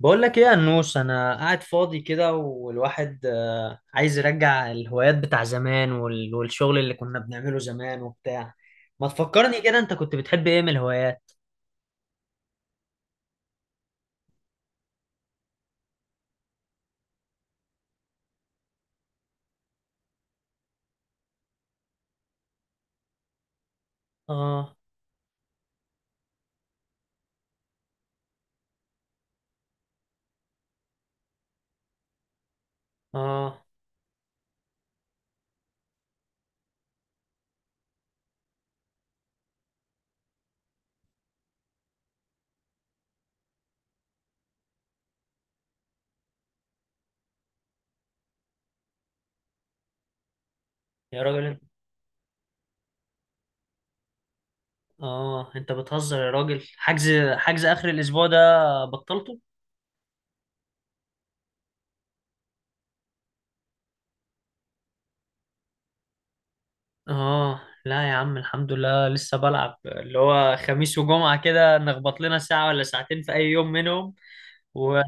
بقول لك ايه يا نوش، انا قاعد فاضي كده والواحد عايز يرجع الهوايات بتاع زمان والشغل اللي كنا بنعمله زمان وبتاع. ما تفكرني كده، انت كنت بتحب ايه من الهوايات؟ اه، اه، يا راجل انت. اه. انت بتهزر يا راجل، حجز اخر الاسبوع ده بطلته؟ اه لا يا عم، الحمد لله لسه بلعب، اللي هو خميس وجمعة كده نخبط لنا ساعة ولا ساعتين في اي يوم منهم و...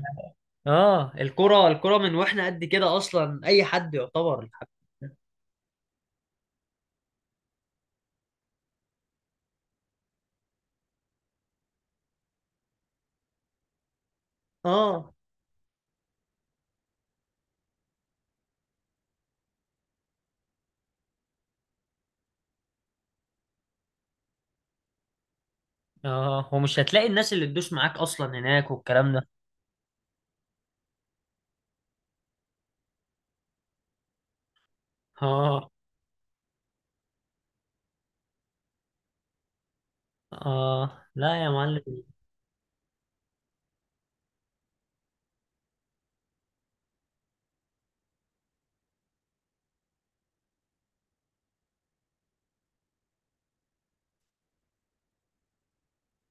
اه، الكرة من واحنا قد كده اصلا، اي حد يعتبر الحاج. اه، اه، ومش هتلاقي الناس اللي تدوس معاك اصلا هناك والكلام ده. اه، اه، لا يا معلم.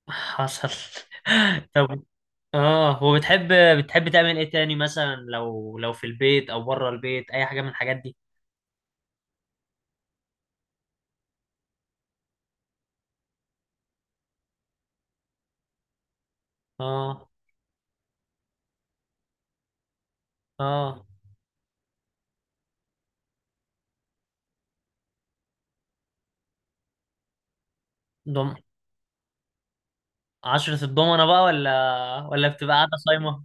حصل. طب، اه وبتحب، بتحب تعمل ايه تاني؟ مثلا لو في البيت او بره البيت، اي حاجة من الحاجات دي؟ اه، اه. دم عشرة الضمنة بقى، ولا بتبقى قاعدة صايمة؟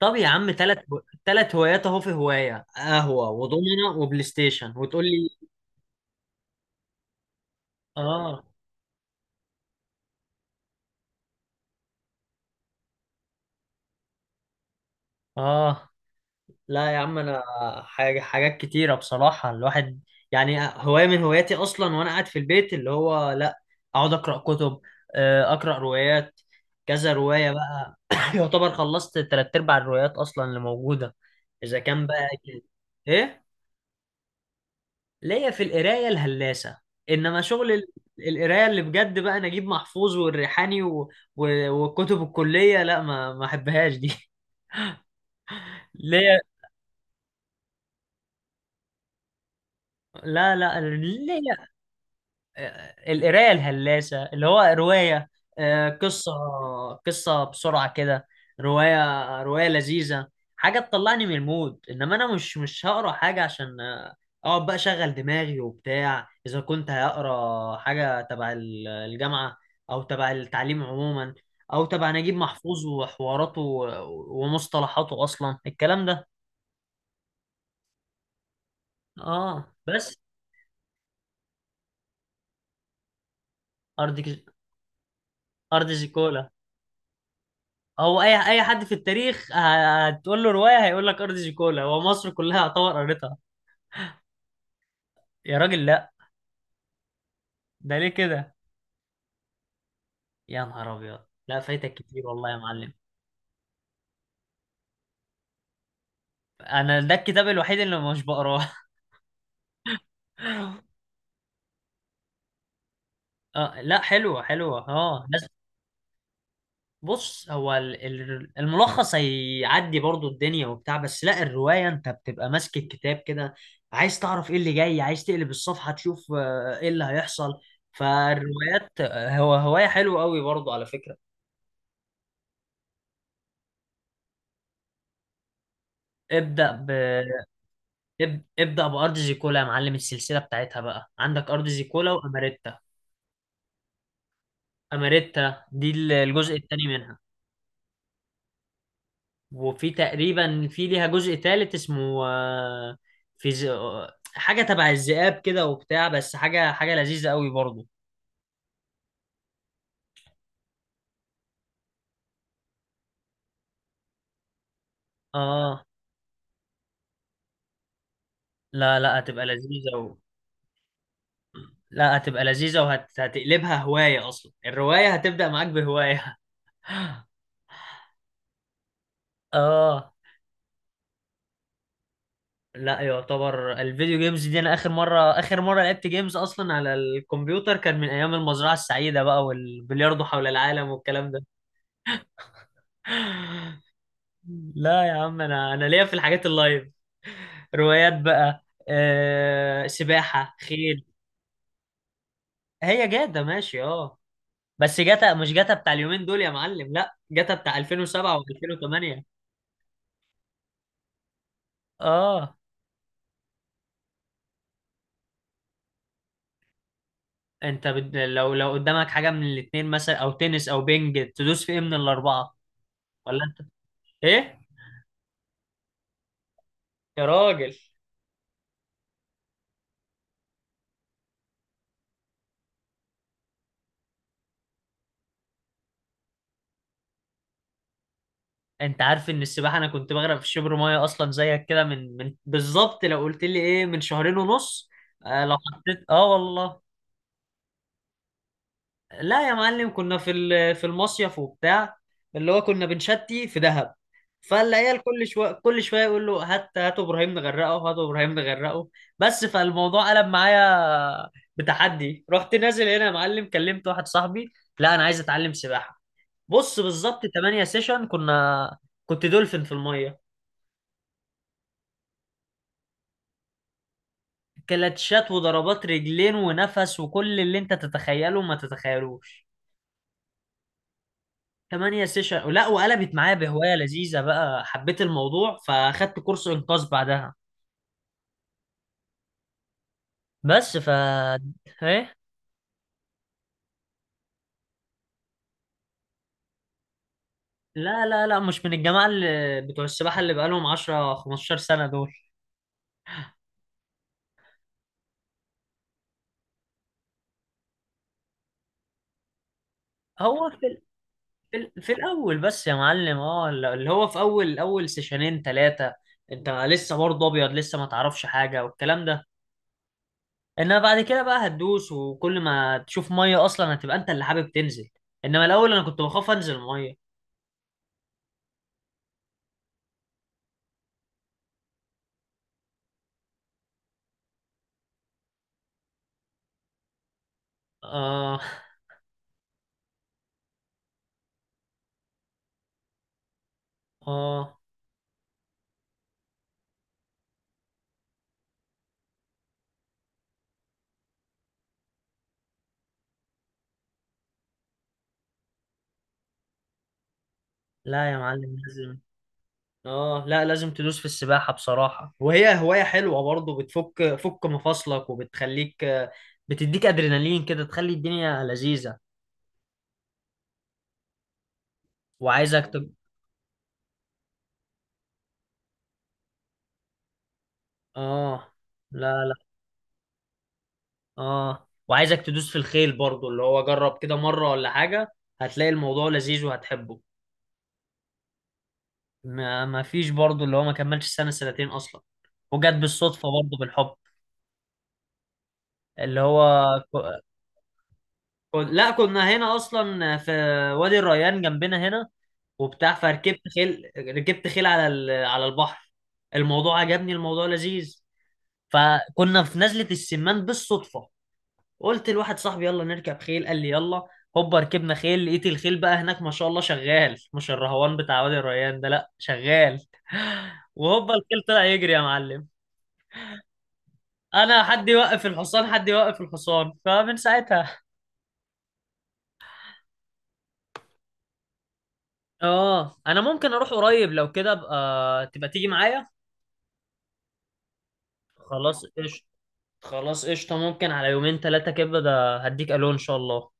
طب يا عم، تلات هوايات اهو، في هواية قهوة وضمنة وبلاي ستيشن وتقول لي؟ اه. اه لا يا عم انا، حاجات كتيرة بصراحة الواحد، يعني هواية من هواياتي اصلا وانا قاعد في البيت اللي هو، لا، اقعد اقرا كتب. اقرا روايات، كذا رواية بقى يعتبر خلصت تلات ارباع الروايات اصلا اللي موجودة اذا كان بقى كده. ايه، ليا في القراية الهلاسة. انما شغل القراية اللي بجد بقى، نجيب محفوظ والريحاني وكتب الكلية لا ما احبهاش دي. ليا. لا، لا، ليا. القرايه الهلاسه اللي هو روايه، قصه، قصه بسرعه كده، روايه روايه لذيذه. حاجه تطلعني من المود، انما انا مش هقرا حاجه عشان، اقعد بقى اشغل دماغي وبتاع اذا كنت هقرا حاجه تبع الجامعه، او تبع التعليم عموما، او تبع نجيب محفوظ وحواراته ومصطلحاته اصلا الكلام ده. اه بس. ارض ارض زيكولا. هو اي حد في التاريخ هتقول له روايه هيقول لك ارض زيكولا، هو مصر كلها يعتبر قريتها. يا راجل لا، ده ليه كده؟ يا نهار ابيض، لا فايتك كتير والله يا معلم. انا ده الكتاب الوحيد اللي مش بقراه. آه لا، حلوه حلوه، اه بس. بص، هو الملخص هيعدي برضو الدنيا وبتاع، بس لا، الروايه انت بتبقى ماسك الكتاب كده، عايز تعرف ايه اللي جاي، عايز تقلب الصفحه تشوف ايه اللي هيحصل. فالروايات هو هوايه حلوه قوي برضو على فكره. ابدأ ب ابدأ بأرض زيكولا يا معلم. السلسلة بتاعتها بقى عندك أرض زيكولا وأماريتا. أماريتا دي الجزء التاني منها. وفي تقريبا، ليها جزء تالت اسمه، في ز... آه، حاجة تبع الذئاب كده وبتاع، بس حاجة حاجة لذيذة قوي برضه. اه، لا لا هتبقى لذيذة لا هتبقى لذيذة وهتقلبها هواية، أصلا الرواية هتبدأ معاك بهواية. اه لا، يعتبر الفيديو جيمز دي انا اخر مره لعبت جيمز اصلا على الكمبيوتر، كان من ايام المزرعه السعيده بقى والبلياردو حول العالم والكلام ده. لا يا عم، انا ليا في الحاجات اللايف، روايات بقى، سباحه، خيل. هي جاتا ماشي اه. بس جاتا مش جاتا بتاع اليومين دول يا معلم، لا، جاتا بتاع 2007 و2008. اه. لو قدامك حاجه من الاتنين مثلا، او تنس، او بينج، تدوس في ايه من الاربعه؟ ولا انت؟ ايه يا راجل. انت عارف ان السباحه انا كنت بغرق في شبر ميه اصلا زيك كده، من بالظبط لو قلت لي ايه، من شهرين ونص. آه، لو حطيت، اه والله. لا يا معلم، كنا في المصيف وبتاع، اللي هو كنا بنشتي في دهب. فالعيال كل شويه كل شويه يقول له، هات هات ابراهيم نغرقه، هات ابراهيم نغرقه. بس فالموضوع قلب معايا بتحدي. رحت نازل هنا يا معلم، كلمت واحد صاحبي، لا انا عايز اتعلم سباحه. بص، بالظبط 8 سيشن كنت دولفين في الميه، كلاتشات وضربات رجلين ونفس، وكل اللي انت تتخيله ما تتخيلوش. تمانية سيشن. لا، وقلبت معايا بهواية لذيذة بقى، حبيت الموضوع فاخدت كورس إنقاذ بعدها. بس ايه. لا، لا، لا، مش من الجماعة اللي بتوع السباحة اللي بقالهم 10 15 سنة دول. هو في الأول بس يا معلم، اه اللي هو في أول أول سيشنين ثلاثة. انت لسه برضه ابيض، لسه ما تعرفش حاجة والكلام ده. انما بعد كده بقى هتدوس، وكل ما تشوف ميه اصلا هتبقى انت اللي حابب تنزل. انما الاول انا كنت بخاف انزل ميه. اه، اه، لا يا معلم لازم. اه لا، لازم تدوس في السباحة بصراحة، وهي هواية حلوة برضو، بتفك فك مفاصلك وبتخليك، بتديك ادرينالين كده تخلي الدنيا لذيذة. وعايزك تب... اه. لا لا. اه، وعايزك تدوس في الخيل برضو، اللي هو جرب كده مرة ولا حاجة، هتلاقي الموضوع لذيذ وهتحبه. ما فيش برضه اللي هو ما كملش سنة سنتين أصلا، وجت بالصدفة برضه بالحب. اللي هو ك- لا، كنا هنا أصلا في وادي الريان جنبنا هنا وبتاع، فركبت خيل، ركبت خيل على البحر. الموضوع عجبني، الموضوع لذيذ. فكنا في نزلة السمان بالصدفة، قلت لواحد صاحبي يلا نركب خيل، قال لي يلا، هوبا ركبنا خيل. لقيت الخيل بقى هناك ما شاء الله شغال، مش الرهوان بتاع وادي الريان ده، لا شغال. وهوبا الخيل طلع يجري يا معلم. انا، حد يوقف الحصان، حد يوقف الحصان. فمن ساعتها، اه، انا ممكن اروح قريب، لو كده ابقى تبقى تيجي معايا. خلاص قشطة. خلاص قشطة، ممكن على يومين ثلاثة كده، ده هديك الو ان شاء الله.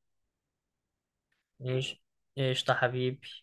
ماشي. قشطة حبيبي.